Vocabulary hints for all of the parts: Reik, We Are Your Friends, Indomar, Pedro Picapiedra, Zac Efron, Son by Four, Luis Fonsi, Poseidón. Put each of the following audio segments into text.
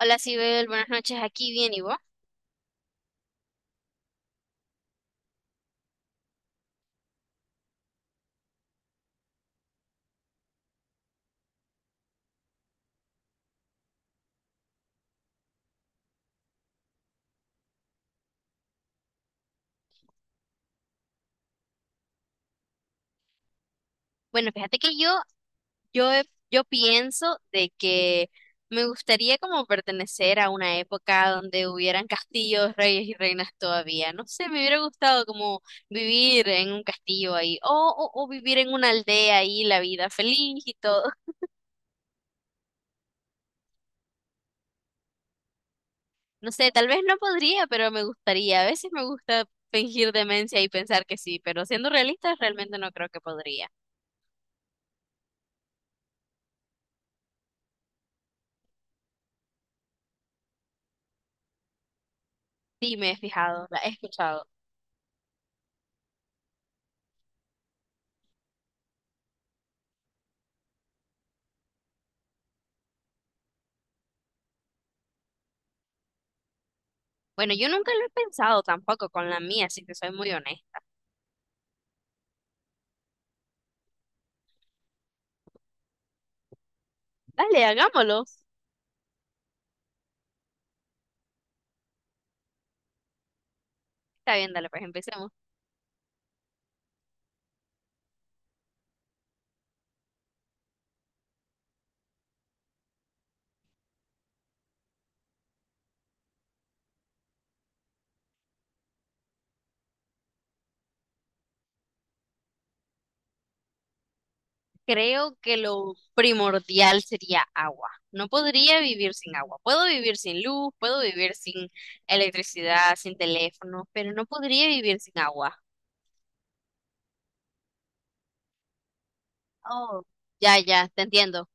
Hola, Sibel, buenas noches, aquí bien, ¿y vos? Bueno, fíjate que yo, yo, he- yo pienso de que me gustaría como pertenecer a una época donde hubieran castillos, reyes y reinas todavía. No sé, me hubiera gustado como vivir en un castillo ahí, o vivir en una aldea ahí, la vida feliz y todo. No sé, tal vez no podría, pero me gustaría. A veces me gusta fingir demencia y pensar que sí, pero siendo realistas, realmente no creo que podría. Sí, me he fijado, la he escuchado. Bueno, yo nunca lo he pensado tampoco con la mía, si te soy muy honesta. Dale, hagámoslo. Está bien, dale, pues empecemos. Creo que lo primordial sería agua. No podría vivir sin agua. Puedo vivir sin luz, puedo vivir sin electricidad, sin teléfono, pero no podría vivir sin agua. Oh. Ya, ya, te entiendo.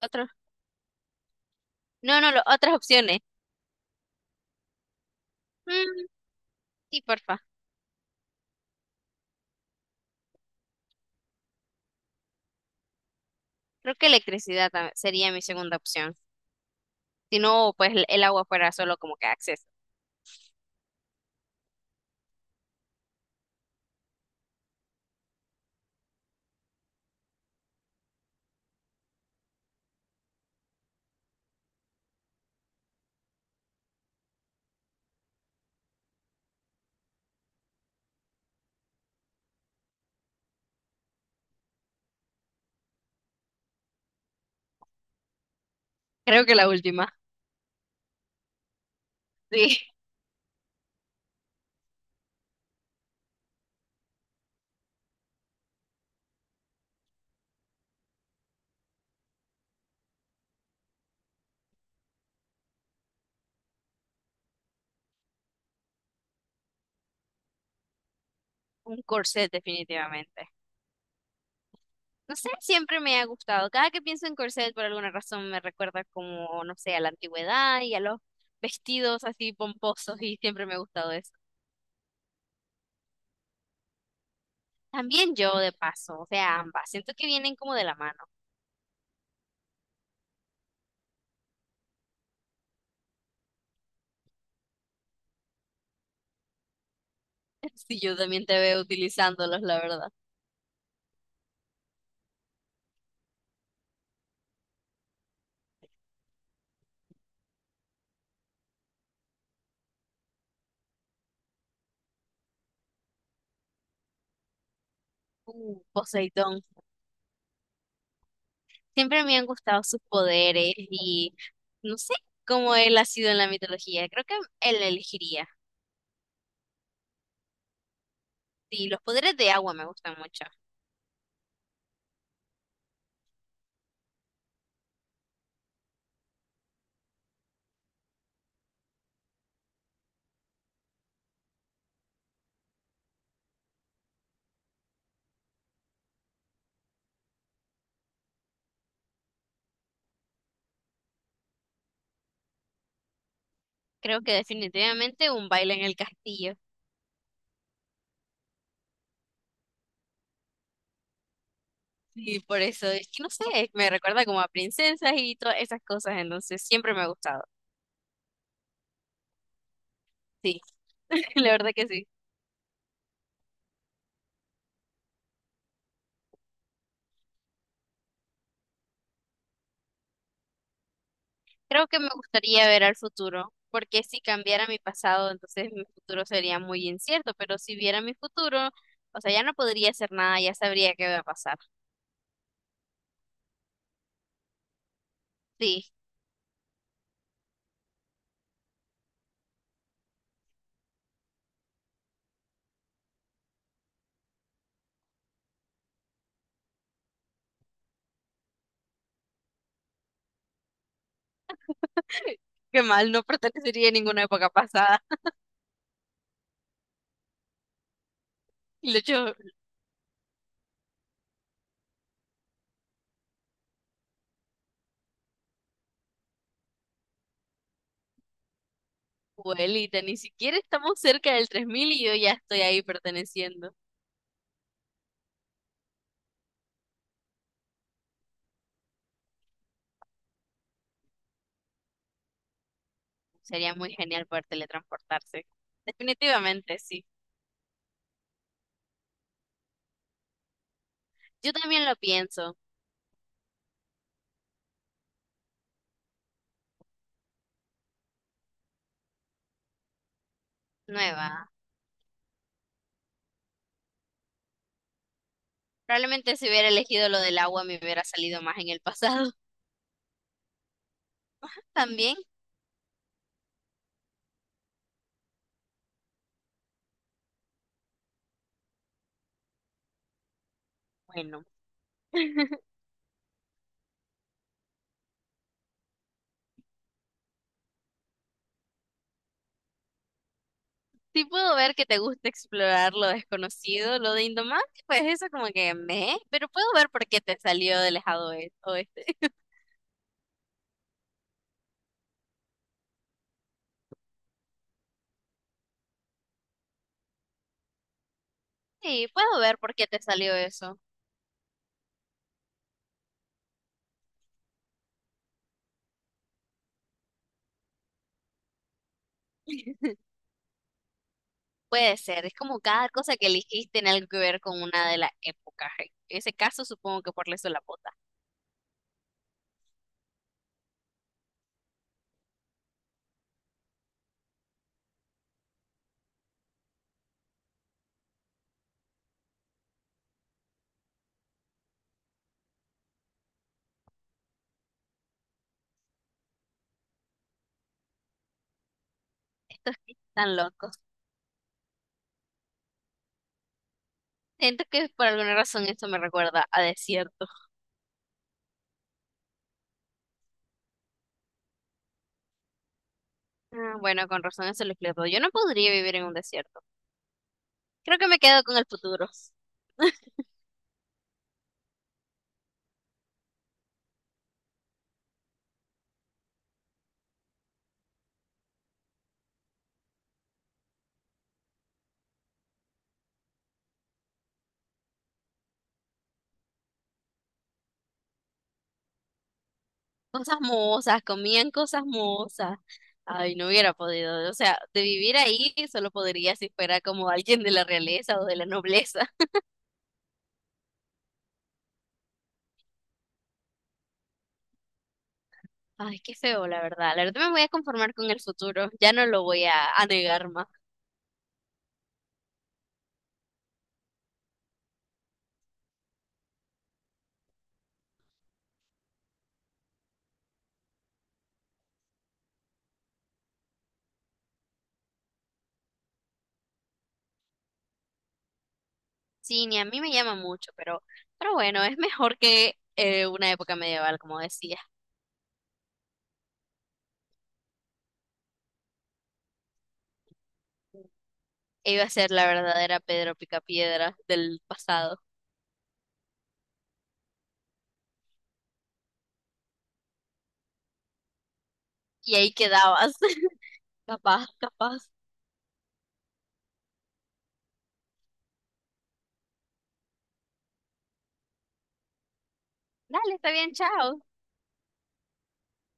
Otro. No, no, lo- otras opciones. Mm, sí, porfa. Creo que electricidad tam- sería mi segunda opción. Si no, pues el agua fuera solo como que acceso. Creo que la última. Sí. Un corset, definitivamente. No sé, siempre me ha gustado. Cada que pienso en corset, por alguna razón me recuerda como, no sé, a la antigüedad y a los vestidos así pomposos y siempre me ha gustado eso. También yo, de paso, o sea, ambas. Siento que vienen como de la mano. Sí, yo también te veo utilizándolos, la verdad. Poseidón. Siempre me han gustado sus poderes y no sé cómo él ha sido en la mitología. Creo que él elegiría. Sí, los poderes de agua me gustan mucho. Creo que definitivamente un baile en el castillo. Y por eso es que no sé, me recuerda como a princesas y todas esas cosas. Entonces siempre me ha gustado. Sí, la verdad que sí. Creo que me gustaría ver al futuro, porque si cambiara mi pasado, entonces mi futuro sería muy incierto. Pero si viera mi futuro, o sea, ya no podría hacer nada, ya sabría qué va a pasar. Sí. Qué mal, no pertenecería a ninguna época pasada. Y de hecho, abuelita, ni siquiera estamos cerca del 3000 y yo ya estoy ahí perteneciendo. Sería muy genial poder teletransportarse. Definitivamente, sí. Yo también lo pienso. Nueva. Probablemente si hubiera elegido lo del agua me hubiera salido más en el pasado. También, bueno. Sí puedo ver que te gusta explorar lo desconocido, lo de Indomar, pues eso como que me, pero puedo ver por qué te salió del lejado oeste. Sí, puedo ver por qué te salió eso. Puede ser, es como cada cosa que elegiste tiene algo que ver con una de las épocas. En ese caso, supongo que por eso la bota. Estos que están locos. Siento que por alguna razón esto me recuerda a desierto. Ah, bueno, con razón eso lo explico. Yo no podría vivir en un desierto. Creo que me quedo con el futuro. Cosas mohosas, comían cosas mohosas. Ay, no hubiera podido. O sea, de vivir ahí solo podría si fuera como alguien de la realeza o de la nobleza. Ay, qué feo, la verdad. La verdad me voy a conformar con el futuro. Ya no lo voy a negar más. Sí, ni a mí me llama mucho, pero bueno, es mejor que una época medieval, como decía. Iba a ser la verdadera Pedro Picapiedra del pasado. Y ahí quedabas. Capaz, capaz. Dale, está bien, chao.